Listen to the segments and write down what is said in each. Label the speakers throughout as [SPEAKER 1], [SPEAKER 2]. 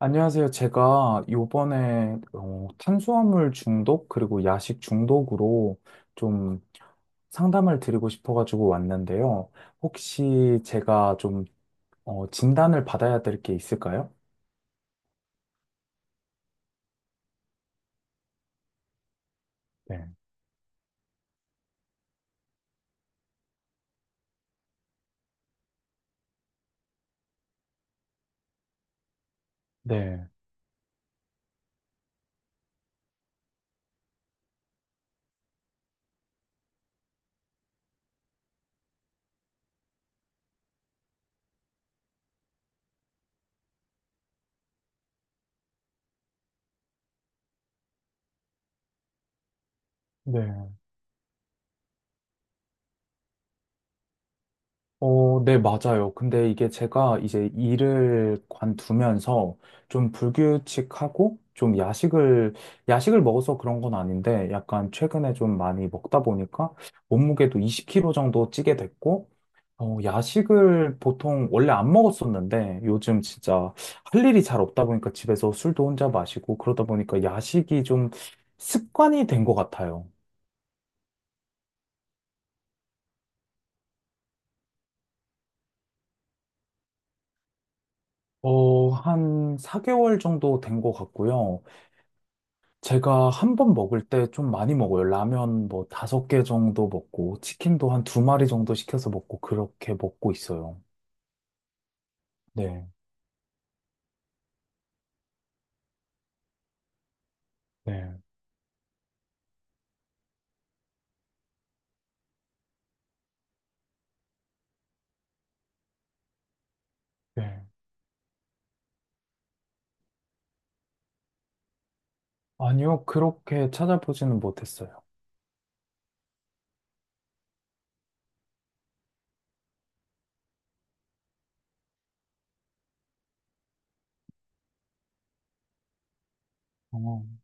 [SPEAKER 1] 안녕하세요. 제가 요번에 탄수화물 중독 그리고 야식 중독으로 좀 상담을 드리고 싶어가지고 왔는데요. 혹시 제가 좀 진단을 받아야 될 게 있을까요? 네. 네. 네. 네, 맞아요. 근데 이게 제가 이제 일을 관두면서 좀 불규칙하고 좀 야식을 먹어서 그런 건 아닌데 약간 최근에 좀 많이 먹다 보니까 몸무게도 20kg 정도 찌게 됐고, 야식을 보통 원래 안 먹었었는데 요즘 진짜 할 일이 잘 없다 보니까 집에서 술도 혼자 마시고 그러다 보니까 야식이 좀 습관이 된 것 같아요. 한 4개월 정도 된 것 같고요. 제가 한번 먹을 때 좀 많이 먹어요. 라면 뭐 다섯 개 정도 먹고, 치킨도 한 두 마리 정도 시켜서 먹고, 그렇게 먹고 있어요. 네, 네, 네. 아니요, 그렇게 찾아보지는 못했어요. 어.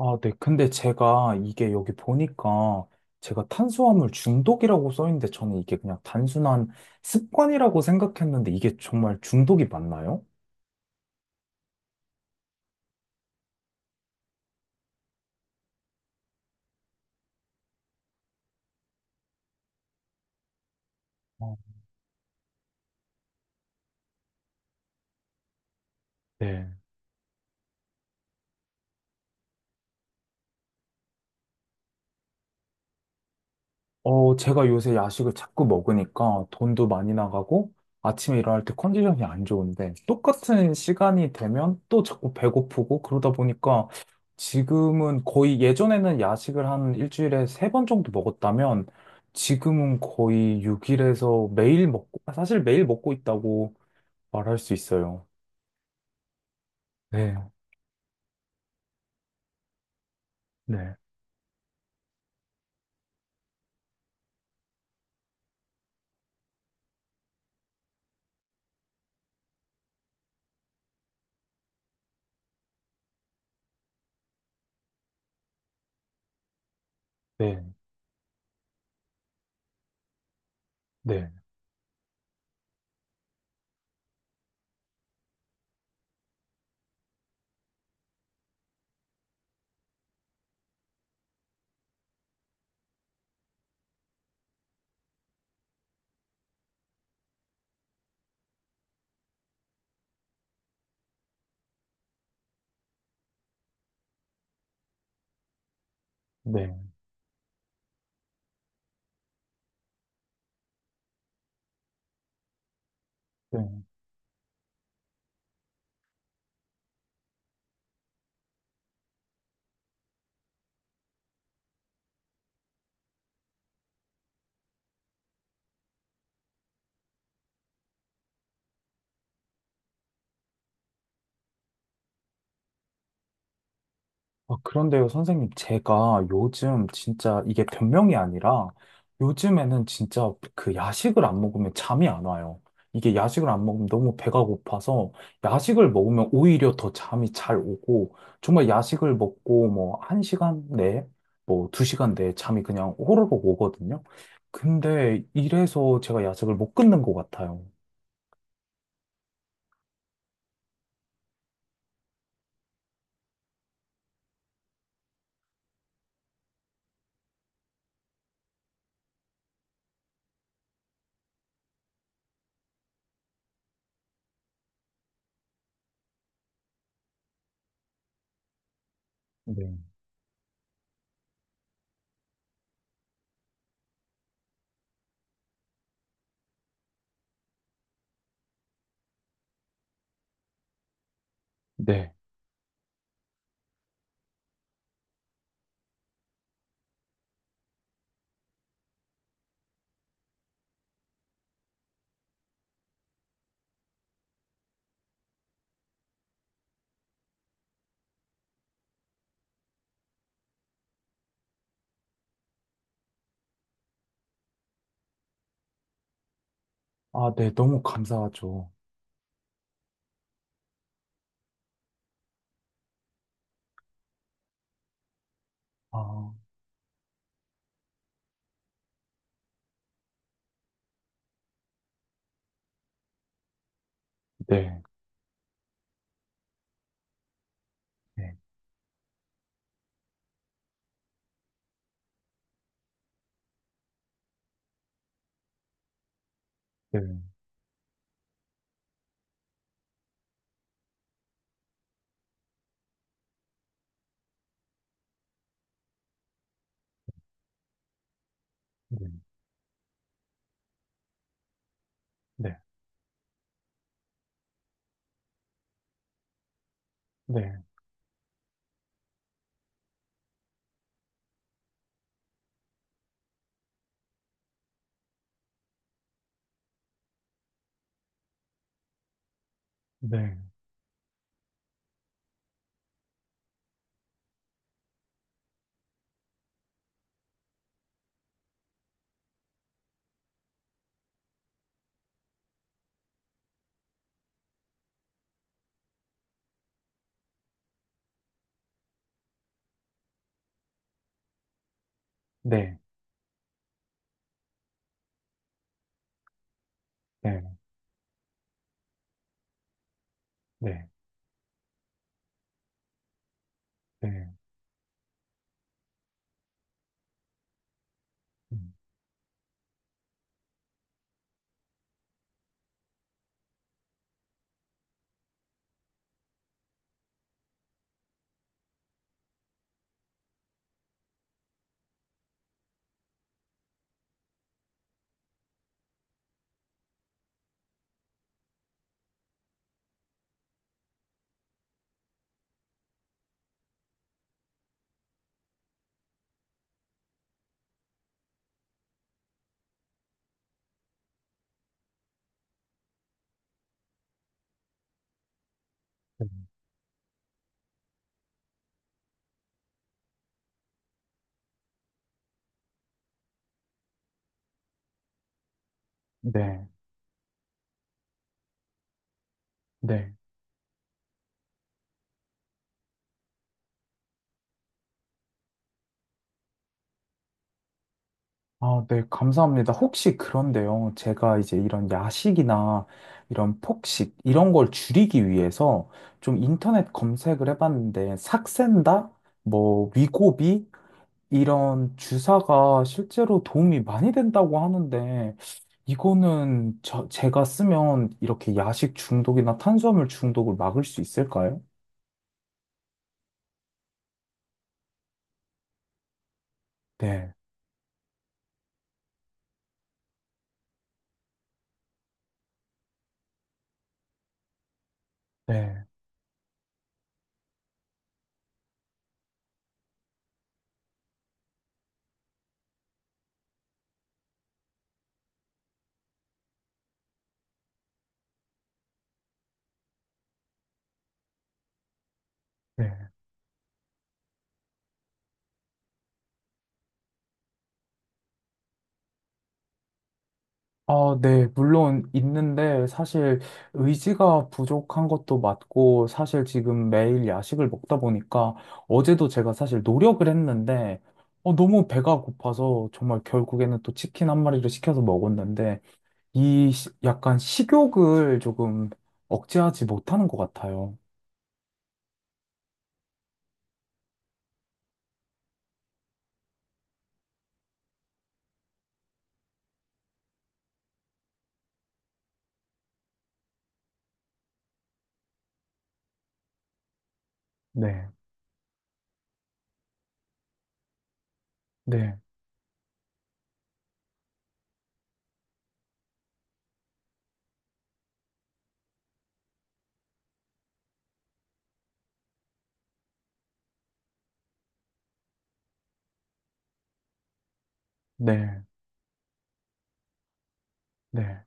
[SPEAKER 1] 아, 네. 근데 제가 이게 여기 보니까 제가 탄수화물 중독이라고 써 있는데 저는 이게 그냥 단순한 습관이라고 생각했는데 이게 정말 중독이 맞나요? 어, 네. 제가 요새 야식을 자꾸 먹으니까 돈도 많이 나가고 아침에 일어날 때 컨디션이 안 좋은데 똑같은 시간이 되면 또 자꾸 배고프고 그러다 보니까 지금은 거의 예전에는 야식을 한 일주일에 세 번 정도 먹었다면 지금은 거의 6일에서 매일 먹고, 사실 매일 먹고 있다고 말할 수 있어요. 네, 네, 네, 네, 네. 네. 아, 그런데요, 선생님, 제가 요즘 진짜 이게 변명이 아니라 요즘에는 진짜 그 야식을 안 먹으면 잠이 안 와요. 이게 야식을 안 먹으면 너무 배가 고파서 야식을 먹으면 오히려 더 잠이 잘 오고 정말 야식을 먹고 뭐 한시간 내에 뭐 두시간 내에 잠이 그냥 호로록 오거든요. 근데 이래서 제가 야식을 못 끊는 것 같아요. 네. 네. 아, 네. 너무 감사하죠. 아, 네. 네. 네. 네. 네. 네. 네, 네, 네, 네, 네, 음, 음, 네, 네. 아, 네, 감사합니다. 혹시 그런데요, 제가 이제 이런 야식이나 이런 폭식, 이런 걸 줄이기 위해서 좀 인터넷 검색을 해봤는데, 삭센다? 뭐, 위고비? 이런 주사가 실제로 도움이 많이 된다고 하는데, 이거는 저, 제가 쓰면 이렇게 야식 중독이나 탄수화물 중독을 막을 수 있을까요? 네, 네, 네. 아, 네, 물론 있는데 사실 의지가 부족한 것도 맞고 사실 지금 매일 야식을 먹다 보니까 어제도 제가 사실 노력을 했는데 너무 배가 고파서 정말 결국에는 또 치킨 한 마리를 시켜서 먹었는데 이 약간 식욕을 조금 억제하지 못하는 것 같아요. 네, 네, 네, 네.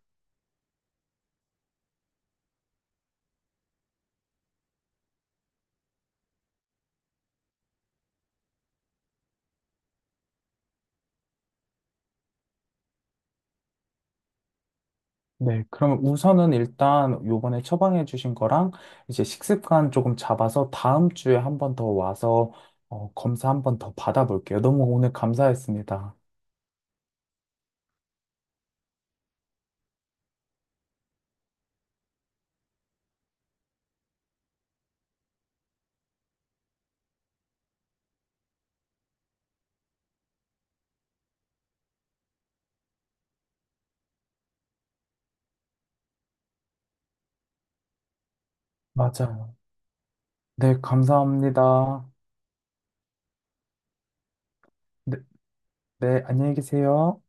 [SPEAKER 1] 네, 그러면 우선은 일단 요번에 처방해 주신 거랑 이제 식습관 조금 잡아서 다음 주에 한 번 더 와서 검사 한 번 더 받아볼게요. 너무 오늘 감사했습니다. 맞아요. 네, 감사합니다. 네, 네, 안녕히 계세요.